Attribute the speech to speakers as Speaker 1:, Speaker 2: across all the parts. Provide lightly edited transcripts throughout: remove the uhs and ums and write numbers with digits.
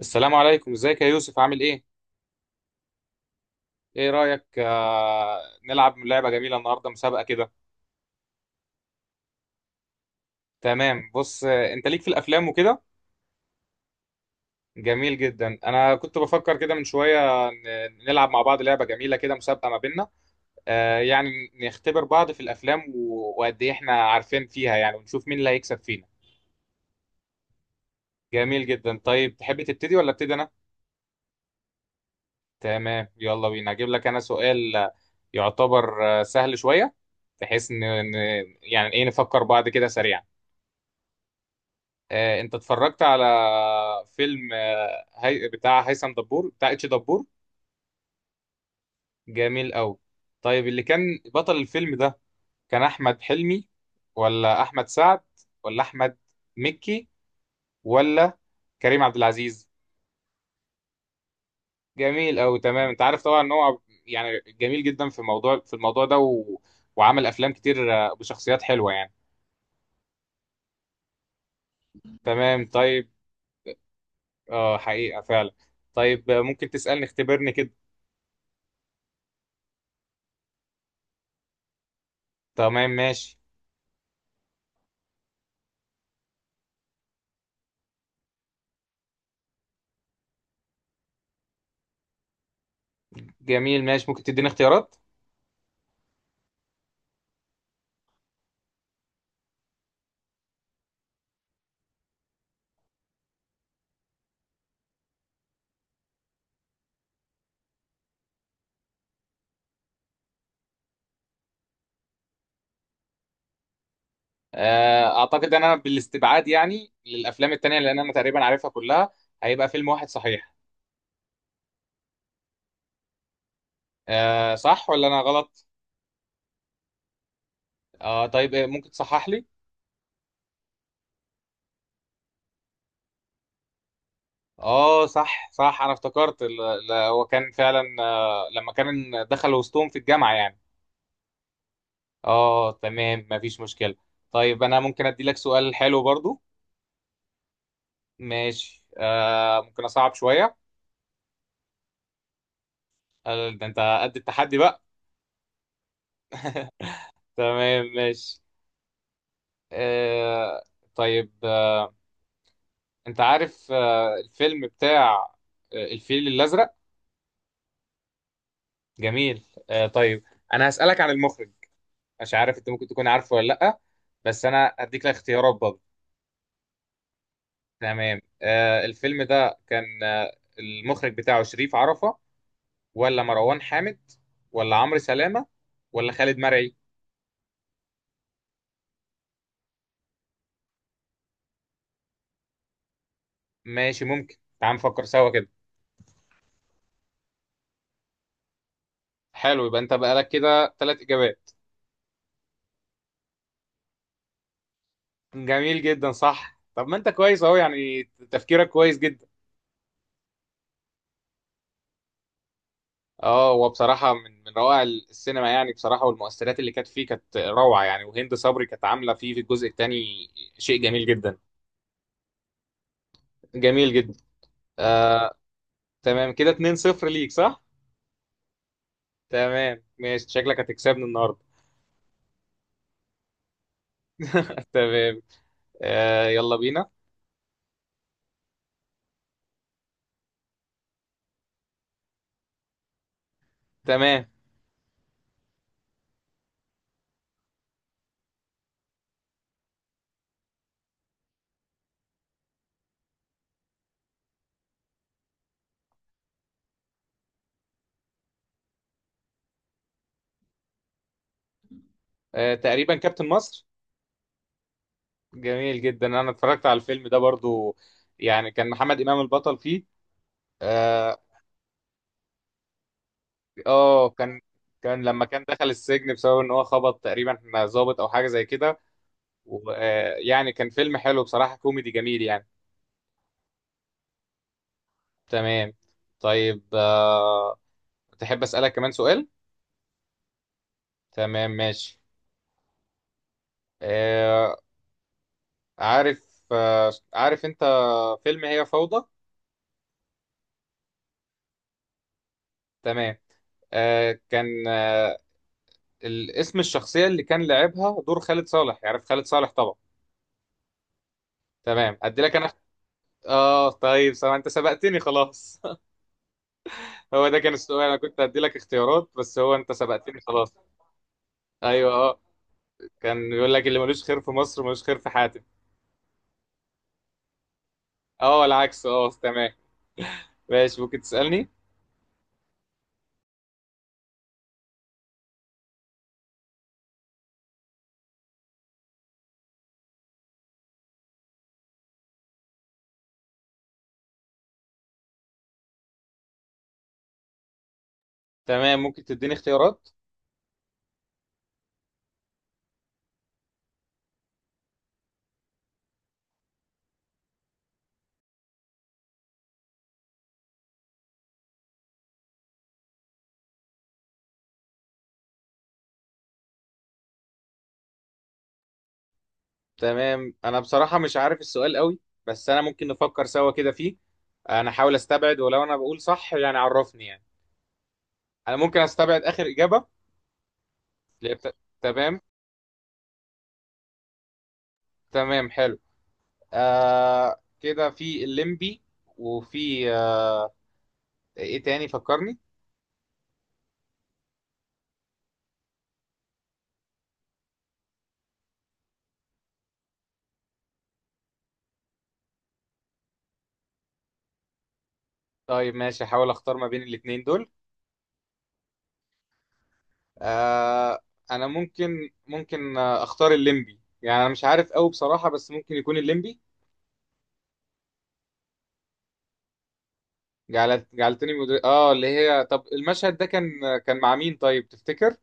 Speaker 1: السلام عليكم، ازيك يا يوسف؟ عامل ايه؟ ايه رأيك؟ نلعب لعبة جميلة النهاردة، مسابقة كده. تمام، بص، انت ليك في الافلام وكده. جميل جدا. انا كنت بفكر كده من شوية، نلعب مع بعض لعبة جميلة كده، مسابقة ما بيننا. آه يعني نختبر بعض في الافلام، وقد ايه احنا عارفين فيها يعني، ونشوف مين اللي هيكسب فينا. جميل جدا. طيب تحب تبتدي ولا ابتدي انا؟ تمام، يلا بينا. هجيب لك انا سؤال، يعتبر سهل شوية، بحيث ان يعني ايه، نفكر بعض كده سريعا. انت اتفرجت على فيلم هي بتاع هيثم دبور، بتاع اتش دبور؟ جميل قوي. طيب، اللي كان بطل الفيلم ده، كان احمد حلمي ولا احمد سعد ولا احمد مكي ولا كريم عبد العزيز؟ جميل قوي. تمام، انت عارف طبعا ان هو يعني جميل جدا في موضوع في الموضوع ده، وعمل افلام كتير بشخصيات حلوة يعني. تمام طيب. اه، حقيقة فعلا. طيب، ممكن تسألني، اختبرني كده. تمام ماشي. جميل، ماشي. ممكن تديني اختيارات؟ اعتقد ان انا بالاستبعاد يعني للافلام التانية، لان انا تقريبا عارفها كلها، هيبقى فيلم واحد صحيح. صح ولا انا غلط؟ طيب، ممكن تصحح لي. اه صح صح، انا افتكرت هو كان فعلا، لما كان دخل وسطهم في الجامعة يعني. اه تمام، مفيش مشكلة. طيب انا ممكن ادي لك سؤال حلو برضو. ماشي، ممكن اصعب شوية. ده انت قد التحدي بقى. تمام ماشي. آه، طيب، انت عارف الفيلم بتاع الفيل الازرق؟ جميل. طيب، انا هسالك عن المخرج، مش عارف انت ممكن تكون عارفه ولا لا، بس انا هديك الاختيارات برضه. تمام، الفيلم ده كان المخرج بتاعه شريف عرفة ولا مروان حامد ولا عمرو سلامة ولا خالد مرعي؟ ماشي، ممكن تعال نفكر سوا كده. حلو، يبقى انت بقالك كده ثلاث اجابات. جميل جدا صح. طب ما انت كويس اهو يعني، تفكيرك كويس جدا. اه هو بصراحة من روائع السينما يعني، بصراحة، والمؤثرات اللي كانت فيه كانت روعة يعني، وهند صبري كانت عاملة فيه في الجزء الثاني شيء جميل جدا. جميل جدا. آه تمام، كده 2-0 ليك، صح؟ تمام ماشي، شكلك هتكسبني النهاردة. تمام. يلا بينا. تمام، آه تقريبا كابتن مصر. جميل جدا، انا اتفرجت على الفيلم ده برضو، يعني كان محمد إمام البطل فيه. اه. آه، كان كان لما كان دخل السجن بسبب ان هو خبط تقريبا ضابط او حاجة زي كده، ويعني كان فيلم حلو بصراحة، كوميدي جميل يعني. تمام. طيب، تحب أسألك كمان سؤال؟ تمام ماشي. آه، عارف، آه، عارف أنت فيلم هي فوضى؟ تمام. آه، كان آه، اسم الشخصية اللي كان لعبها دور خالد صالح، يعرف خالد صالح طبعا. تمام، أدي لك أنا. آه طيب، سواء أنت سبقتني خلاص. هو ده كان السؤال، أنا كنت أدي لك اختيارات، بس هو أنت سبقتني خلاص. أيوه آه، كان بيقول لك اللي ملوش خير في مصر ملوش خير في حاتم. اه العكس، اه تمام. ماشي، ممكن تسألني. تمام، ممكن تديني اختيارات. تمام، انا بصراحة مش عارف السؤال قوي، بس انا ممكن نفكر سوا كده فيه. انا احاول استبعد، ولو انا بقول صح يعني عرفني يعني. انا ممكن استبعد اخر إجابة، اللي بت- تمام. تمام حلو. آه، كده في الليمبي، وفي آه ايه تاني؟ فكرني. طيب ماشي، احاول اختار ما بين الاتنين دول. آه انا ممكن اختار الليمبي، يعني انا مش عارف قوي بصراحة، بس ممكن يكون الليمبي. جعلتني اه، اللي هي، طب المشهد ده كان كان مع مين طيب، تفتكر؟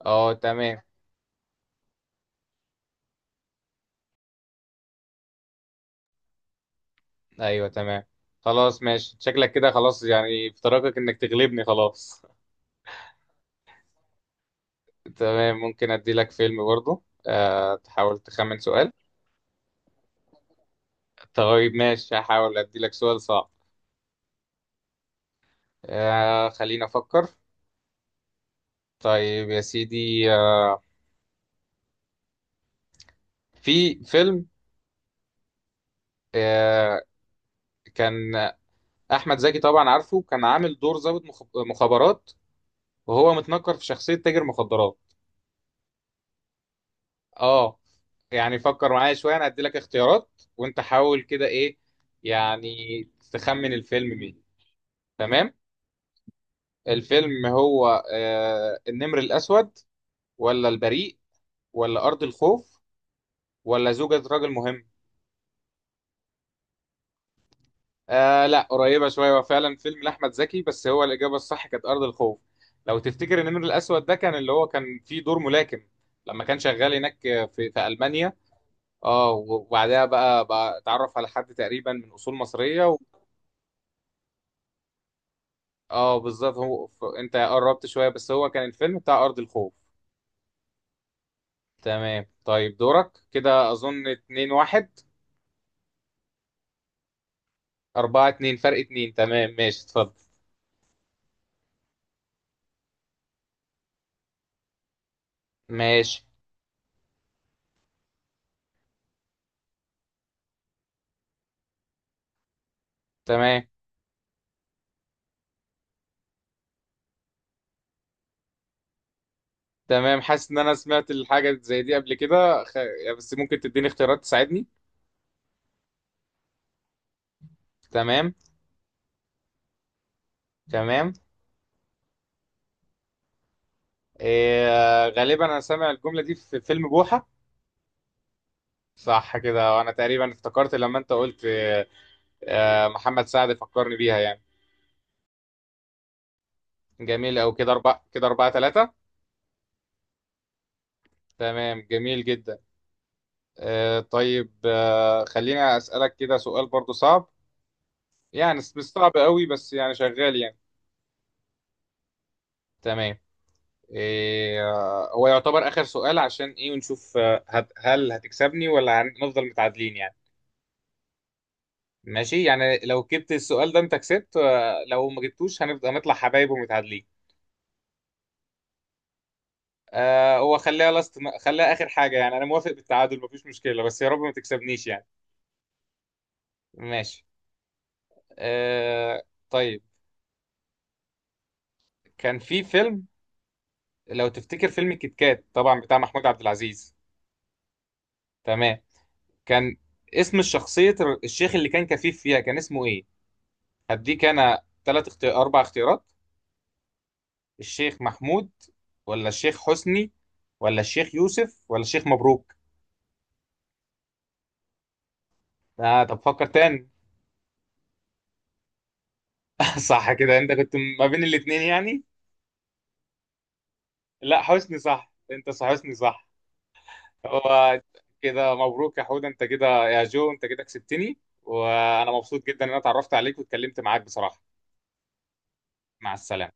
Speaker 1: اه تمام. ايوه تمام، خلاص ماشي، شكلك كده خلاص يعني في طريقك انك تغلبني خلاص. تمام، ممكن ادي لك فيلم برضه، آه تحاول تخمن سؤال. طيب ماشي، هحاول ادي لك سؤال صعب. آه خلينا افكر. طيب يا سيدي، آه في فيلم، آه كان احمد زكي طبعا عارفه، كان عامل دور ضابط مخابرات، وهو متنكر في شخصية تاجر مخدرات. اه يعني فكر معايا شويه، انا هدي لك اختيارات وانت حاول كده ايه يعني تخمن الفيلم مين. تمام. الفيلم هو آه النمر الاسود، ولا البريء، ولا ارض الخوف، ولا زوجة رجل مهم؟ آه لا، قريبه شويه، هو فعلا فيلم لاحمد زكي، بس هو الاجابه الصح كانت ارض الخوف. لو تفتكر النمر الاسود ده، كان اللي هو كان فيه دور ملاكم لما كان شغال هناك في المانيا. اه وبعدها بقى، اتعرف على حد تقريبا من اصول مصريه. اه بالظبط، هو انت قربت شوية، بس هو كان الفيلم بتاع أرض الخوف. تمام طيب، دورك كده أظن اتنين واحد. أربعة اتنين، فرق اتنين، تمام ماشي اتفضل. ماشي. تمام. تمام، حاسس إن أنا سمعت الحاجة زي دي قبل كده، يعني، بس ممكن تديني اختيارات تساعدني. تمام. تمام. غالبا أنا سامع الجملة دي في فيلم بوحة. صح كده، وأنا تقريبا افتكرت لما أنت قلت محمد سعد فكرني بيها يعني. جميل أوي، كده أربعة كده أربعة تلاتة. تمام جميل جدا. آه طيب، آه خلينا أسألك كده سؤال برضو صعب، يعني مش صعب قوي بس يعني شغال يعني. تمام. إيه، هو يعتبر آخر سؤال عشان إيه، ونشوف هل هتكسبني ولا هنفضل متعادلين يعني. ماشي يعني، لو جبت السؤال ده أنت كسبت، لو ما جبتوش هنفضل هنطلع حبايب ومتعادلين. آه، هو خليها آخر حاجة يعني، أنا موافق بالتعادل مفيش مشكلة، بس يا رب ما تكسبنيش يعني. ماشي. آه طيب، كان في فيلم، لو تفتكر فيلم كيت كات طبعا بتاع محمود عبد العزيز. تمام. كان اسم الشخصية، الشيخ اللي كان كفيف فيها، كان اسمه ايه؟ هديك انا ثلاث اختيار اربع اختيارات. الشيخ محمود، ولا الشيخ حسني، ولا الشيخ يوسف، ولا الشيخ مبروك؟ آه طب فكر تاني. صح كده، انت كنت ما بين الاتنين يعني. لا حسني صح، انت صح، حسني صح. هو كده مبروك يا حود، انت كده يا جو، انت كده كسبتني، وانا مبسوط جدا ان انا اتعرفت عليك واتكلمت معاك بصراحة. مع السلامة.